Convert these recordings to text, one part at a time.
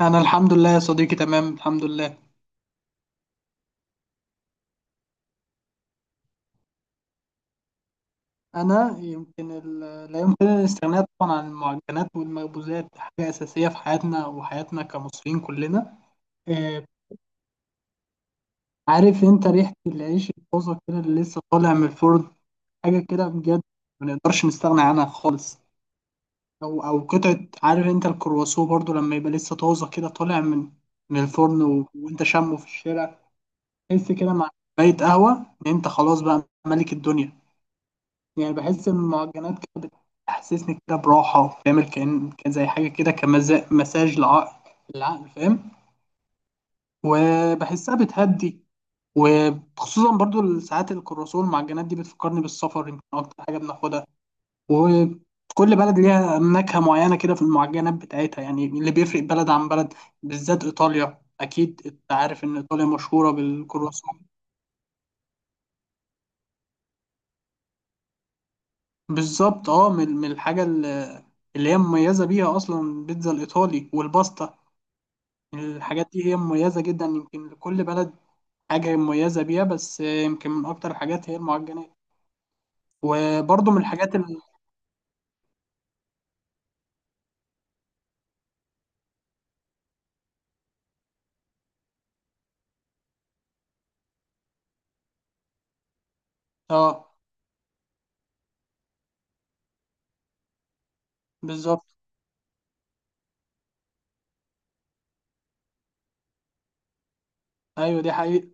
انا الحمد لله يا صديقي، تمام الحمد لله. انا يمكن لا يمكن الاستغناء طبعا عن المعجنات والمخبوزات، حاجه اساسيه في حياتنا وحياتنا كمصريين كلنا. آه. عارف انت ريحه العيش الطازه كده اللي لسه طالع من الفرن، حاجه كده بجد. ما نقدرش نستغنى عنها خالص. او قطعه، عارف انت الكرواسون برضو لما يبقى لسه طازه كده طالع من الفرن وانت شامه في الشارع. تحس كده مع كوبايه قهوه ان انت خلاص بقى ملك الدنيا. يعني بحس إن المعجنات كده بتحسسني كده براحة، وبتعمل كأن كان زي حاجة كده كمساج مساج للعقل، العقل فاهم. وبحسها بتهدي. وخصوصا برضو ساعات الكرواسون والمعجنات دي بتفكرني بالسفر، يمكن أكتر حاجة بناخدها. وكل بلد ليها نكهة معينة كده في المعجنات بتاعتها، يعني اللي بيفرق بلد عن بلد، بالذات إيطاليا. أكيد أنت عارف إن إيطاليا مشهورة بالكرواسون. بالظبط. من الحاجة اللي هي مميزة بيها أصلا، البيتزا الإيطالي والباستا، الحاجات دي هي مميزة جدا. يمكن لكل بلد حاجة مميزة بيها، بس يمكن من أكتر الحاجات هي المعجنات. وبرضه من الحاجات اه، بالظبط، أيوه دي حقيقة.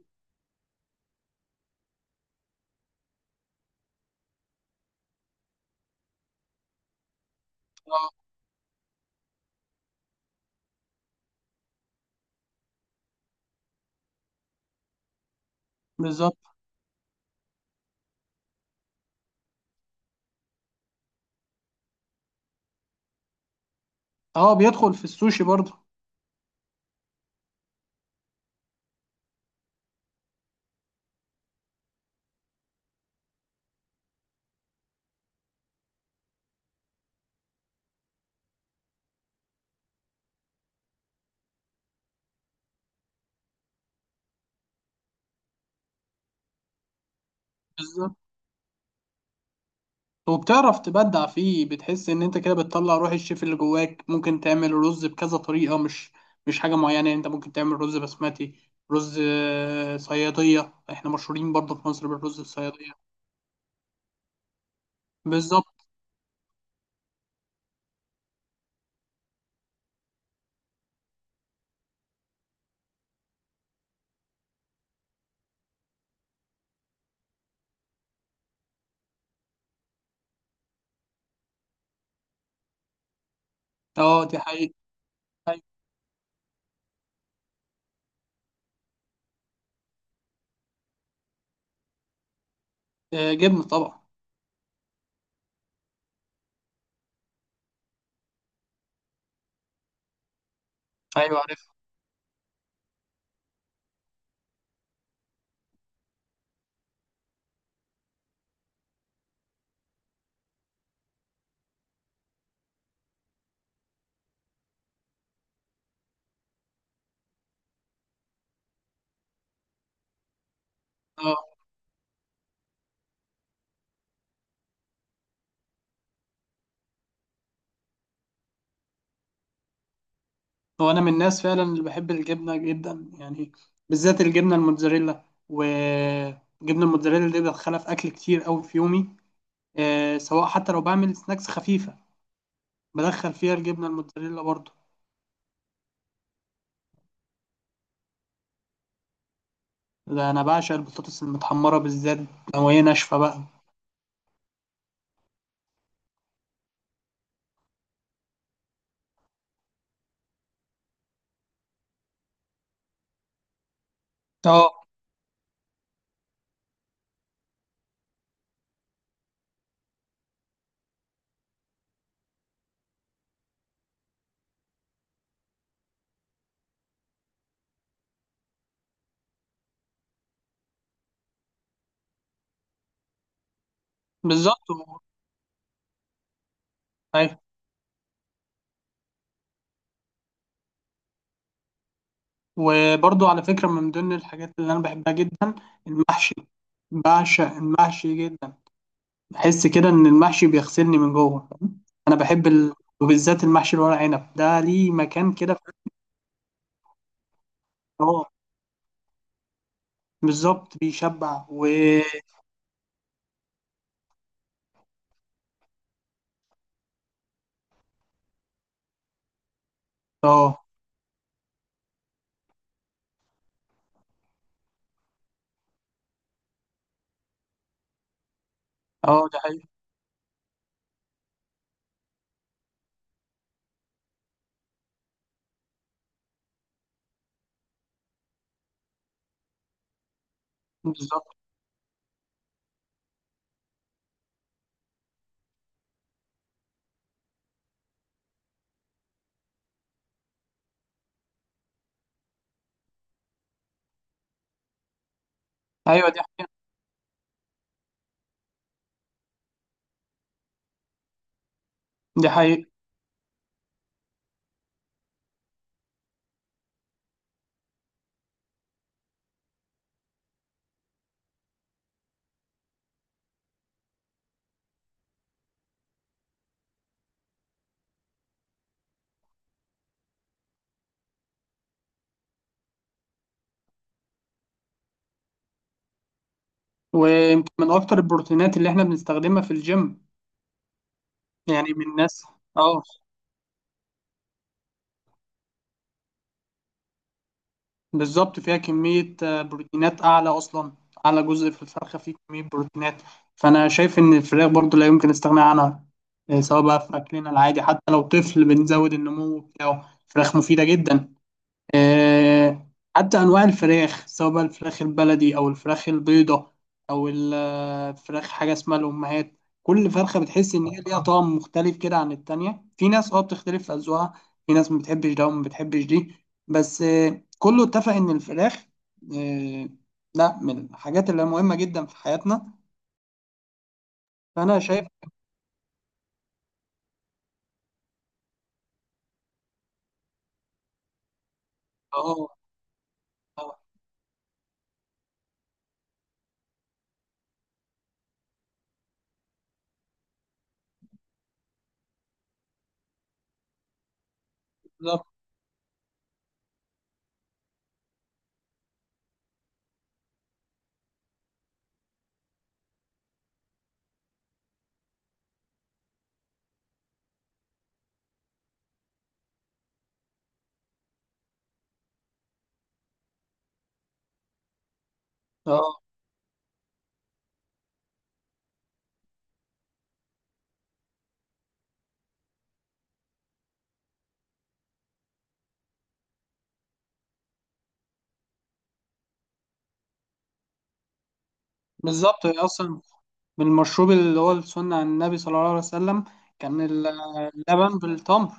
اه، بالظبط. اه، بيدخل في السوشي برضه. بالظبط. وبتعرف تبدع فيه، بتحس إن أنت كده بتطلع روح الشيف اللي جواك، ممكن تعمل رز بكذا طريقة، مش حاجة معينة. يعني أنت ممكن تعمل رز بسمتي، رز صيادية. احنا مشهورين برضه في مصر بالرز الصيادية. بالظبط. اه دي حقيقة. أيوة. آه، جبنة طبعا. ايوه عارف. اه. هو انا من الناس فعلا اللي بحب الجبنه جدا، يعني بالذات الجبنه الموتزاريلا. وجبنه الموتزاريلا دي بدخلها في اكل كتير قوي في يومي. سواء حتى لو بعمل سناكس خفيفه، بدخل فيها الجبنه الموتزاريلا برضو. ده انا بعشق البطاطس المتحمره، بالذات لو هي ناشفه بقى. اه، بالظبط. ايوه. وبرضو على فكره، من ضمن الحاجات اللي انا بحبها جدا، المحشي. بعشق المحشي جدا. بحس كده ان المحشي بيغسلني من جوه، فاهم؟ انا بحب وبالذات المحشي الورق عنب ده ليه مكان كده في الفراغ. بالظبط بيشبع. اه، اه، ده حقيقي. بالظبط، ايوه دي حقيقة، دي حقيقة. ويمكن من اكتر البروتينات اللي احنا بنستخدمها في الجيم، يعني من الناس. اه، بالظبط. فيها كمية بروتينات أعلى أصلا. أعلى جزء في الفرخة فيه كمية بروتينات. فأنا شايف إن الفراخ برضو لا يمكن استغناء عنها، سواء بقى في أكلنا العادي حتى لو طفل بنزود النمو بتاعه فراخ مفيدة جدا. آه، حتى أنواع الفراخ سواء بقى الفراخ البلدي أو الفراخ البيضة أو الفراخ حاجة اسمها الأمهات. كل فرخة بتحس إن هي ليها طعم مختلف كده عن التانية. في ناس بتختلف في أذواقها. في ناس ما بتحبش ده وما بتحبش دي. بس كله اتفق إن الفراخ، آه، لا، من الحاجات اللي مهمة جدا في حياتنا. فأنا شايف. أه. آه، بالظبط. أه، بالظبط. هي أصلا بالمشروب اللي هو السنة عن النبي صلى الله عليه وسلم، كان اللبن بالتمر.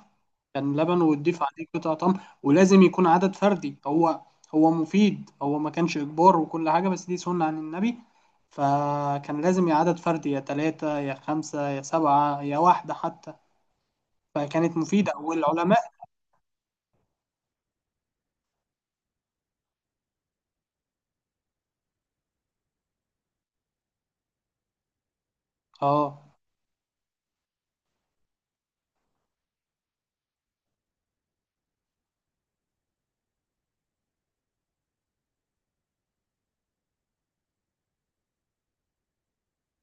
كان لبن وتضيف عليه قطع تمر، ولازم يكون عدد فردي. هو هو مفيد. هو ما كانش إجبار، وكل حاجة، بس دي سنة عن النبي. فكان لازم يا عدد فردي، يا تلاتة، يا خمسة، يا سبعة، يا واحدة حتى. فكانت مفيدة، والعلماء. اه،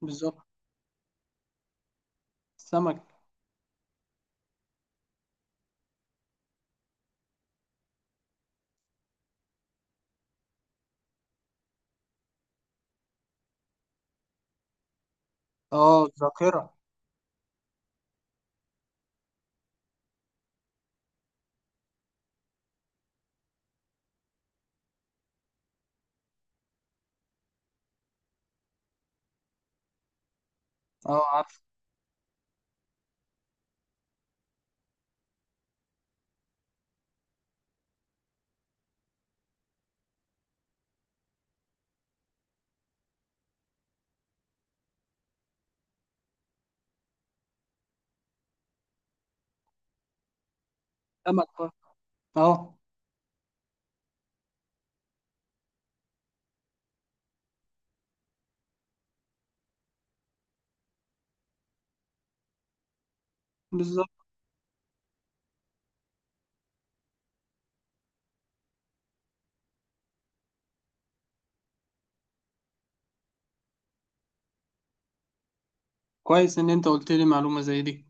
بالظبط. السمك. اه، الذاكرة. اه، عارف. السمك برضه. اه، بالظبط. كويس إن أنت قلت لي معلومة زي دي.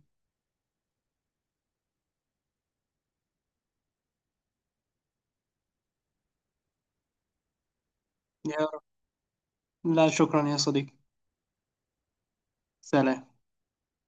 لا، شكرا يا صديقي. سلام.